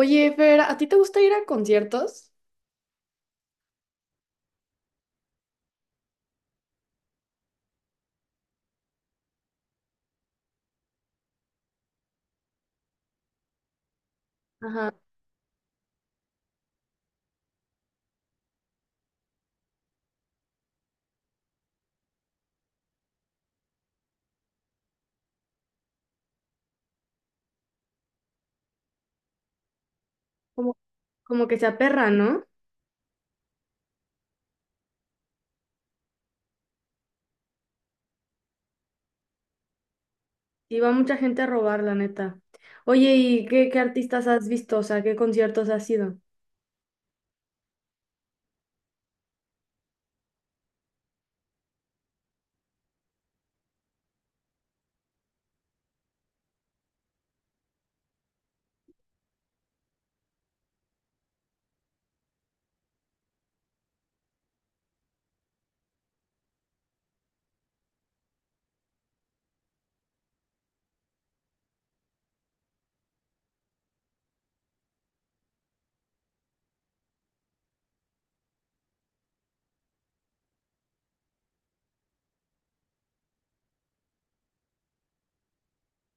Oye, Fer, ¿a ti te gusta ir a conciertos? Ajá, como, como que se aperra, ¿no? Y va mucha gente a robar, la neta. Oye, ¿y qué artistas has visto? O sea, ¿qué conciertos has ido?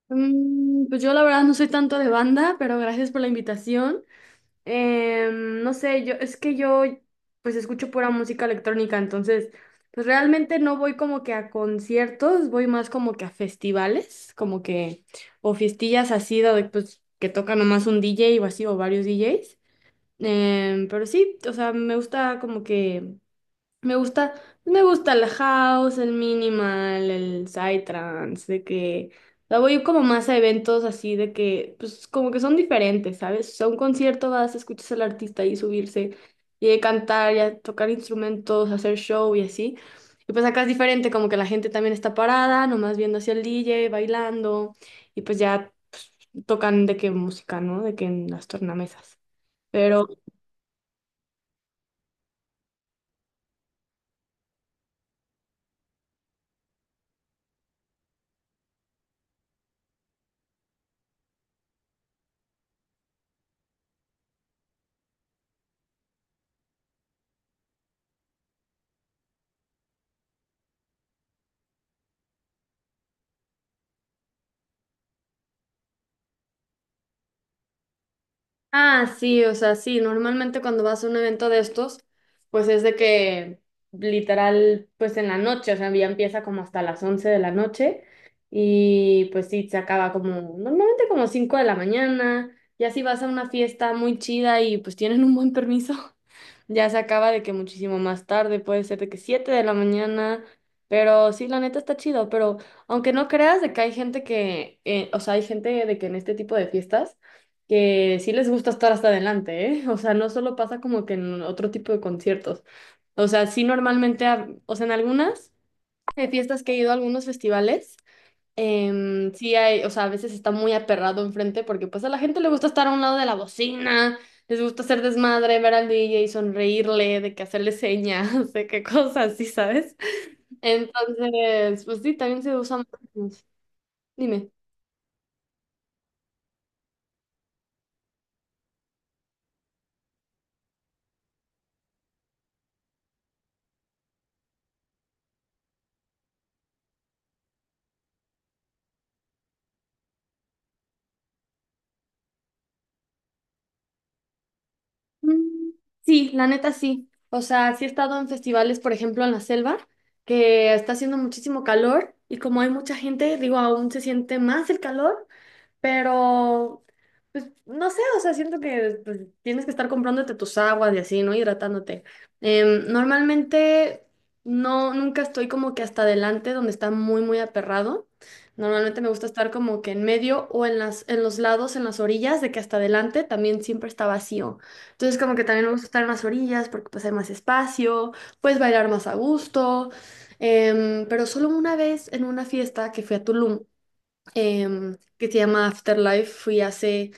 Pues yo la verdad no soy tanto de banda, pero gracias por la invitación. No sé, yo es que yo pues escucho pura música electrónica, entonces pues realmente no voy como que a conciertos, voy más como que a festivales, como que o fiestillas así de pues que toca nomás un DJ o así o varios DJs. Pero sí, o sea, me gusta como que me gusta, me gusta el house, el minimal, el psytrance, de que la voy como más a eventos así de que, pues como que son diferentes, ¿sabes? O sea, un concierto vas, escuchas al artista y subirse y de cantar, y a tocar instrumentos, hacer show y así. Y pues acá es diferente, como que la gente también está parada, nomás viendo hacia el DJ, bailando y pues ya pues, tocan de qué música, ¿no? De que en las tornamesas. Ah, sí, o sea, sí, normalmente cuando vas a un evento de estos, pues es de que literal, pues en la noche, o sea, ya empieza como hasta las 11 de la noche y pues sí, se acaba como normalmente como 5 de la mañana, y así vas a una fiesta muy chida y pues tienen un buen permiso, ya se acaba de que muchísimo más tarde, puede ser de que 7 de la mañana, pero sí, la neta está chido, pero aunque no creas de que hay gente que, o sea, hay gente de que en este tipo de fiestas que sí les gusta estar hasta adelante, ¿eh? O sea, no solo pasa como que en otro tipo de conciertos, o sea, sí normalmente, o sea, en algunas fiestas que he ido a algunos festivales. Sí hay, o sea, a veces está muy aperrado enfrente porque pues a la gente le gusta estar a un lado de la bocina, les gusta hacer desmadre, ver al DJ, sonreírle, de que hacerle señas, de qué cosas, sí, ¿sabes? Entonces, pues sí, también se usa mucho. Dime. Mm, Sí, la neta sí. O sea, sí he estado en festivales, por ejemplo, en la selva, que está haciendo muchísimo calor y como hay mucha gente, digo, aún se siente más el calor. Pero, pues, no sé, o sea, siento que pues, tienes que estar comprándote tus aguas y así, ¿no? Hidratándote. Normalmente, no, nunca estoy como que hasta adelante donde está muy, muy aperrado. Normalmente me gusta estar como que en medio o en las, en los lados, en las orillas, de que hasta adelante también siempre está vacío. Entonces, como que también me gusta estar en las orillas porque pues hay más espacio, puedes bailar más a gusto. Pero solo una vez en una fiesta que fui a Tulum, que se llama Afterlife. Fui hace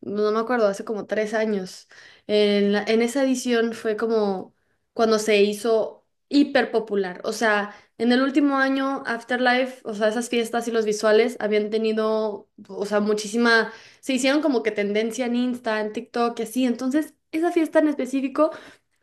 no me acuerdo, hace como 3 años. En esa edición fue como cuando se hizo hiper popular. O sea, en el último año, Afterlife, o sea, esas fiestas y los visuales habían tenido, o sea, muchísima, se hicieron como que tendencia en Insta, en TikTok y así. Entonces, esa fiesta en específico,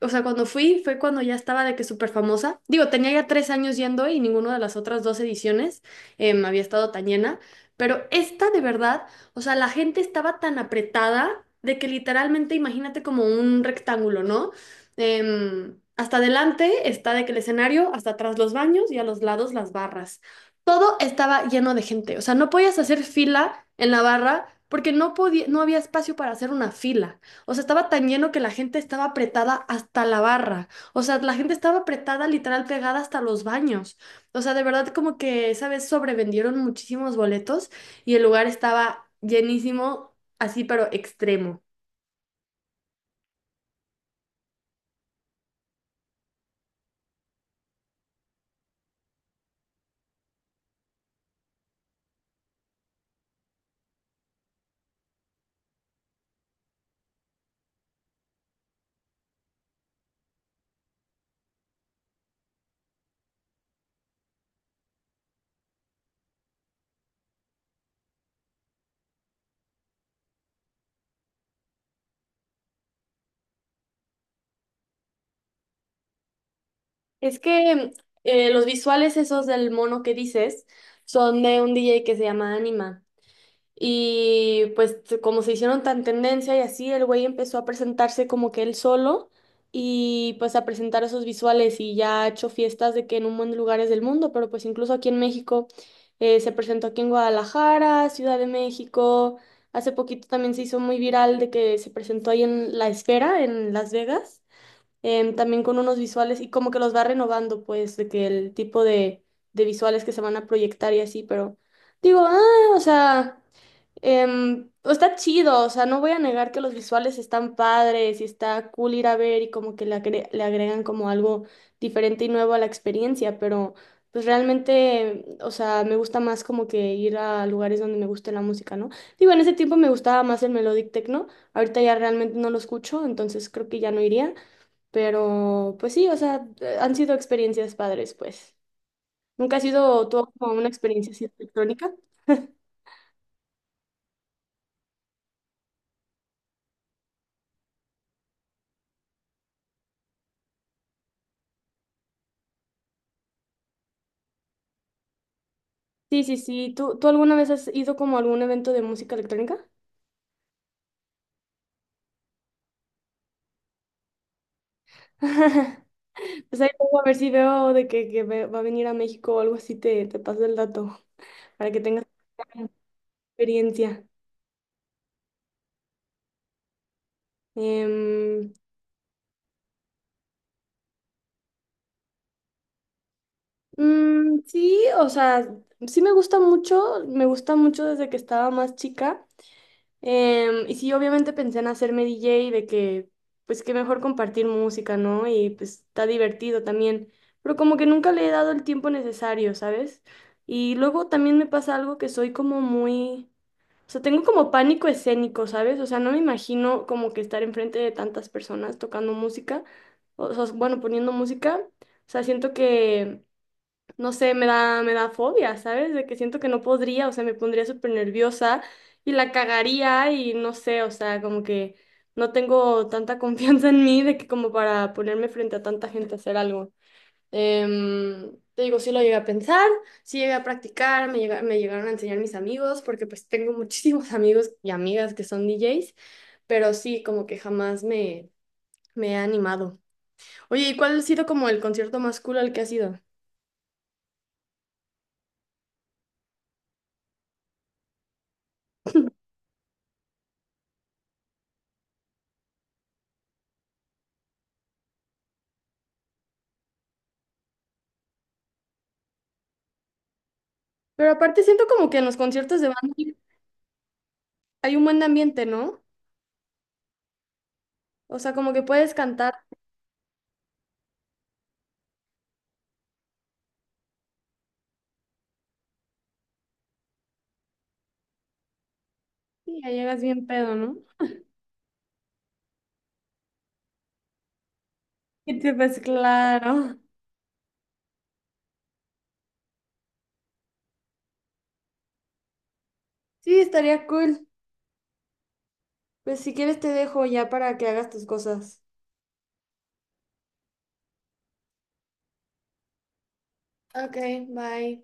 o sea, cuando fui fue cuando ya estaba de que súper famosa. Digo, tenía ya 3 años yendo y ninguna de las otras dos ediciones, había estado tan llena. Pero esta de verdad, o sea, la gente estaba tan apretada de que literalmente imagínate como un rectángulo, ¿no? Hasta adelante está de que el escenario, hasta atrás los baños y a los lados las barras. Todo estaba lleno de gente. O sea, no podías hacer fila en la barra porque no podía, no había espacio para hacer una fila. O sea, estaba tan lleno que la gente estaba apretada hasta la barra. O sea, la gente estaba apretada, literal, pegada hasta los baños. O sea, de verdad como que, ¿sabes? Sobrevendieron muchísimos boletos y el lugar estaba llenísimo, así pero extremo. Es que los visuales esos del mono que dices son de un DJ que se llama Anima. Y pues como se hicieron tan tendencia y así, el güey empezó a presentarse como que él solo y pues a presentar esos visuales y ya ha hecho fiestas de que en un montón de lugares del mundo, pero pues incluso aquí en México se presentó aquí en Guadalajara, Ciudad de México. Hace poquito también se hizo muy viral de que se presentó ahí en La Esfera, en Las Vegas, también con unos visuales y como que los va renovando pues de que el tipo de visuales que se van a proyectar y así, pero digo, ah, o sea... Está chido, o sea, no voy a negar que los visuales están padres y está cool ir a ver y como que le agregan como algo diferente y nuevo a la experiencia, pero pues realmente, o sea, me gusta más como que ir a lugares donde me guste la música, ¿no? Digo, en ese tiempo me gustaba más el melodic techno, ahorita ya realmente no lo escucho, entonces creo que ya no iría, pero pues sí, o sea, han sido experiencias padres, pues. ¿Nunca ha sido tú como una experiencia así electrónica? Sí, sí, sí. ¿Tú alguna vez has ido como a algún evento de música electrónica? Pues ahí luego a ver si veo de que va a venir a México o algo así, te paso el dato para que tengas una experiencia. Em, sí, o sea, sí me gusta mucho desde que estaba más chica. Y sí, obviamente pensé en hacerme DJ de que, pues qué mejor compartir música, ¿no? Y pues está divertido también, pero como que nunca le he dado el tiempo necesario, ¿sabes? Y luego también me pasa algo que soy como muy, o sea, tengo como pánico escénico, ¿sabes? O sea, no me imagino como que estar enfrente de tantas personas tocando música, o sea, bueno, poniendo música, o sea, siento que no sé, me da fobia, ¿sabes? De que siento que no podría, o sea, me pondría súper nerviosa y la cagaría y no sé, o sea, como que no tengo tanta confianza en mí de que como para ponerme frente a tanta gente a hacer algo. Te digo, sí lo llegué a pensar, sí llegué a practicar, me llegaron a enseñar mis amigos, porque pues tengo muchísimos amigos y amigas que son DJs, pero sí, como que jamás me he animado. Oye, ¿y cuál ha sido como el concierto más cool al que has ido? Pero aparte siento como que en los conciertos de banda hay un buen ambiente, ¿no? O sea, como que puedes cantar y ya llegas bien pedo, ¿no? Y te pues claro. Sí, estaría cool. Pues si quieres te dejo ya para que hagas tus cosas. Ok, bye.